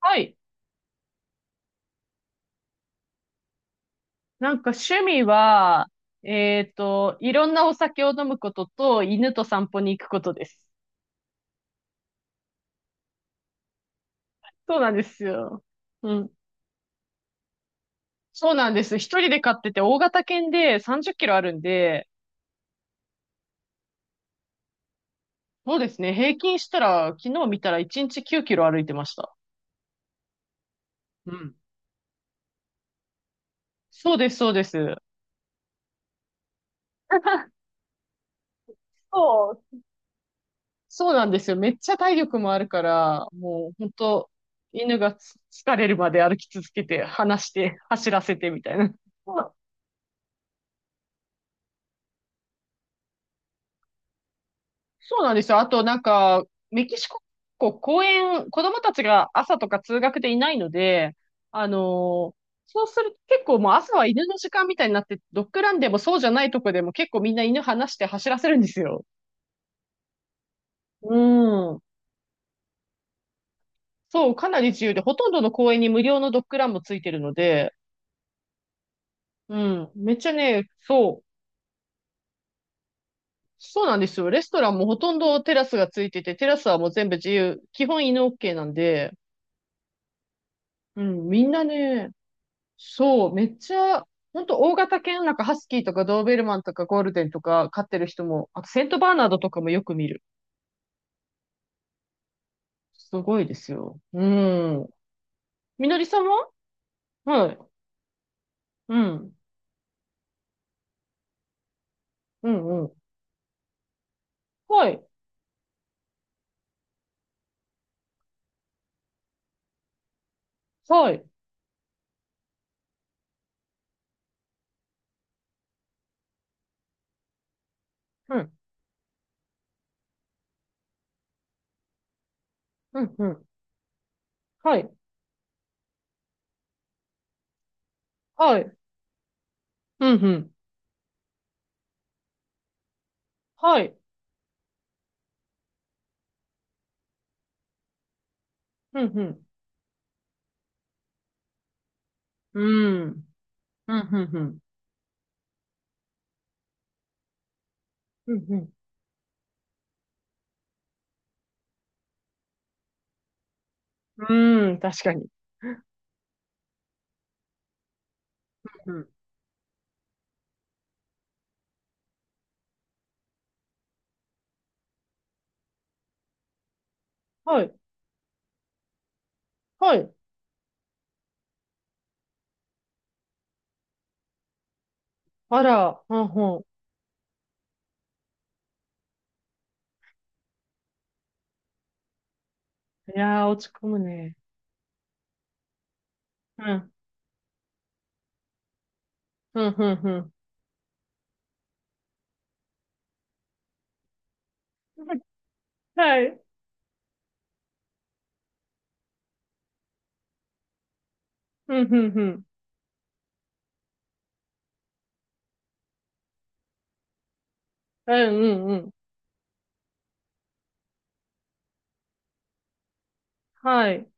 はい。なんか趣味は、いろんなお酒を飲むことと、犬と散歩に行くことです。そうなんですよ。うん。そうなんです。一人で飼ってて、大型犬で30キロあるんで、そうですね。平均したら、昨日見たら1日9キロ歩いてました。うん。そうです、そうです。そう、そうなんですよ。めっちゃ体力もあるから、もう本当犬が疲れるまで歩き続けて、離して、走らせてみたいな。そうなんですよ。あと、なんか、メキシコ、こう公園、子供たちが朝とか通学でいないので、あのーそうすると結構もう朝は犬の時間みたいになって、ドッグランでもそうじゃないとこでも結構みんな犬離して走らせるんですよ。うん。そう、かなり自由で、ほとんどの公園に無料のドッグランもついてるので、うん。めっちゃね、そう。そうなんですよ。レストランもほとんどテラスがついてて、テラスはもう全部自由。基本犬 OK なんで、うん、みんなね、そう、めっちゃ、ほんと大型犬、なんかハスキーとかドーベルマンとかゴールデンとか飼ってる人も、あとセントバーナードとかもよく見る。すごいですよ。うん。みのりさんは、はい。うん。うん、うん。はい。はい。うん。うん、うん。はい。はい。うん、うん。はい。うん、うん。うん。うん、うん、うん。うん、うん。うん、確かに。うん。はい。はい。あら、うん、うん。いやー、落ち込むね。うん。うん、うん、うん。はい。うん、うん、うん。うん、うん、うん。はい。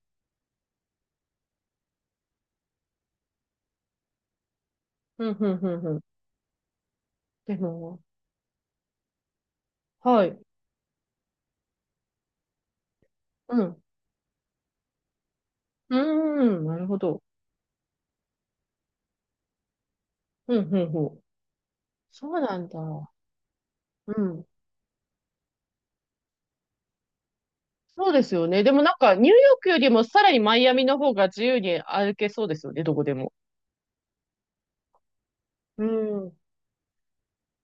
うん、うん、うん、うん。でも、はい。うん。うーん、なるほど。うん、うん、うん。そうなんだ。うん。そうですよね。でもなんか、ニューヨークよりもさらにマイアミの方が自由に歩けそうですよね、どこでも。うん。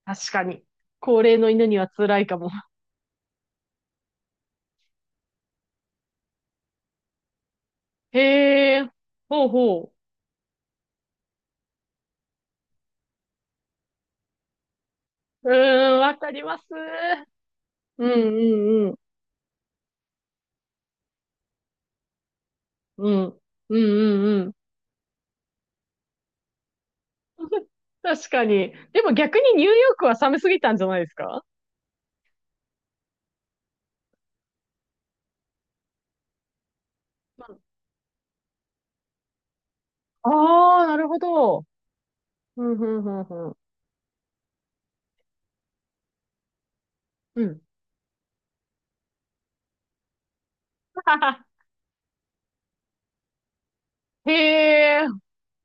確かに。高齢の犬には辛いかも。へえ、ほうほう。うーん、わかります。うん、うん、うん。うん、うん、うん、確かに。でも逆にニューヨークは寒すぎたんじゃないですか？ああー、なるほど。うん、うん、うん、うん。うん。へえ、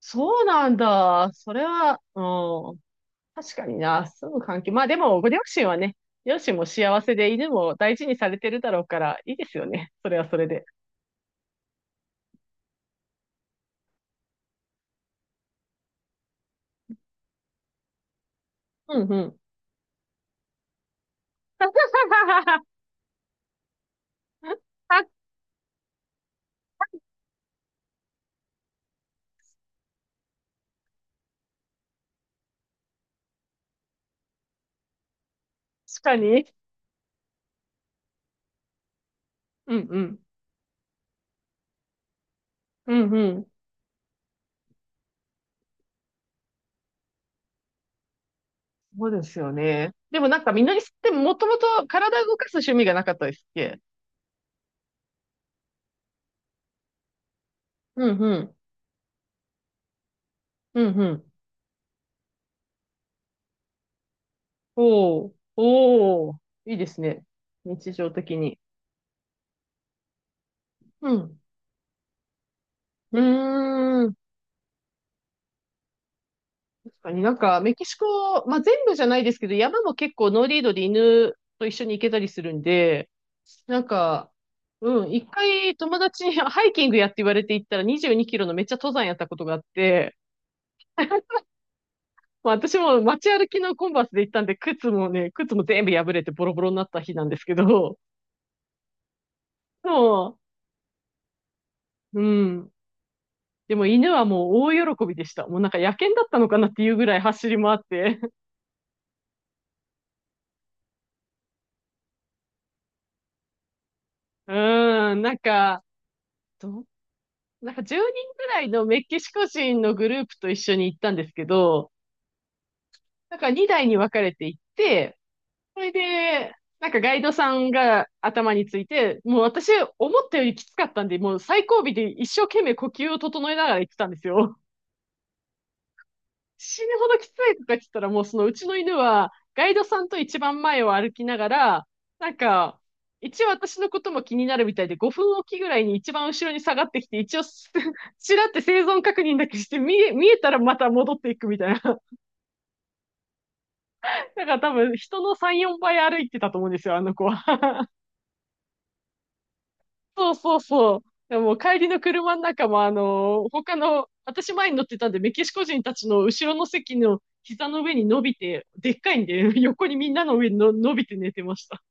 そうなんだ。それは、うん。確かにな。住む環境。まあでも、ご両親はね、両親も幸せで犬も大事にされてるだろうから、いいですよね。それはそれで。うん、うん。確かに。うん、うん。うん、うん。そうですよね。でもなんかみのりさんってもともと体動かす趣味がなかったですっけ？うんうん。うんうん。おー、おー、いいですね。日常的に。うん。うーん。確かになんかメキシコ、まあ、全部じゃないですけど、山も結構ノーリードで犬と一緒に行けたりするんで、なんか、うん、一回友達にハイキングやって言われて行ったら22キロのめっちゃ登山やったことがあって、まあ、私も街歩きのコンバースで行ったんで、靴も全部破れてボロボロになった日なんですけど、もう、うん。でも犬はもう大喜びでした。もうなんか野犬だったのかなっていうぐらい走り回って。うん、ど、なんか10人ぐらいのメキシコ人のグループと一緒に行ったんですけど、なんか2台に分かれて行って、それで、なんかガイドさんが頭について、もう私思ったよりきつかったんで、もう最後尾で一生懸命呼吸を整えながら行ってたんですよ。死ぬほどきついとか言ってたら、もうそのうちの犬は、ガイドさんと一番前を歩きながら、なんか、一応私のことも気になるみたいで、5分おきぐらいに一番後ろに下がってきて、一応ちらって生存確認だけして、見えたらまた戻っていくみたいな。だから多分、人の3、4倍歩いてたと思うんですよ、あの子は。そうそうそう。でも帰りの車の中も、あのー他の、私前に乗ってたんで、メキシコ人たちの後ろの席の膝の上に伸びて、でっかいんで、横にみんなの上にの伸びて寝てました。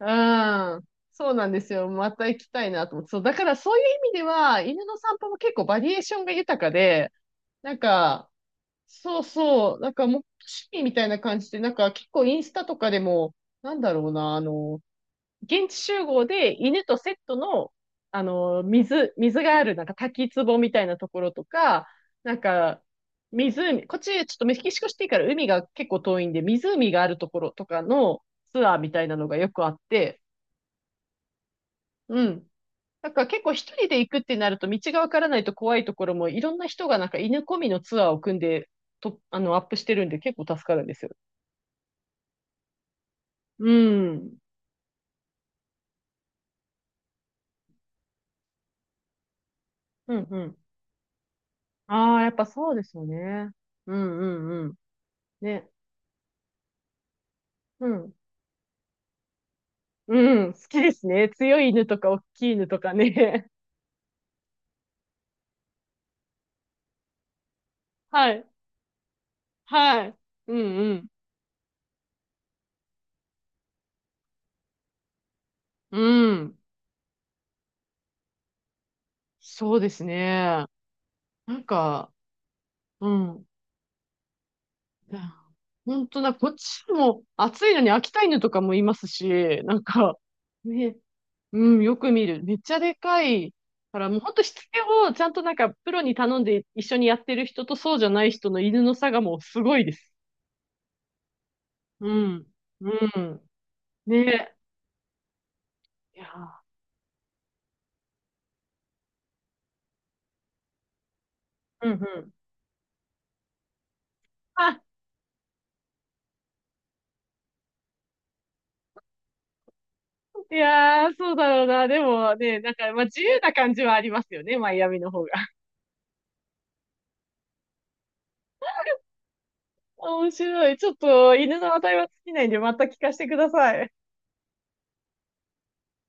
うん。そうなんですよ。また行きたいなと思って。そう、だからそういう意味では、犬の散歩も結構バリエーションが豊かで、なんか、そうそう、なんかもう趣味みたいな感じで、なんか結構インスタとかでも、なんだろうな、現地集合で犬とセットの、水がある、なんか滝壺みたいなところとか、なんか、湖、こっちちょっとメキシコシティから海が結構遠いんで、湖があるところとかのツアーみたいなのがよくあって、うん。なんか結構一人で行くってなると道がわからないと怖いところもいろんな人がなんか犬込みのツアーを組んでと、アップしてるんで結構助かるんですよ。うん。うんうん。ああ、やっぱそうですよね。うんうんうん。ね。うん。うん、好きですね。強い犬とか大きい犬とかね。はい。はい。うんうん。うん。そうですね。なんか、うん。本当だ、こっちも暑いのに秋田犬とかもいますし、なんか、ね、うん、よく見る。めっちゃでかい。から、もう本当しつけをちゃんとなんかプロに頼んで一緒にやってる人とそうじゃない人の犬の差がもうすごいです。うん。うん。ね。いやー、うんうん。あいやー、そうだろうな。でもね、なんか、まあ、自由な感じはありますよね、マイアミの方が。面白い。ちょっと、犬の値は尽きないんで、また聞かせてください。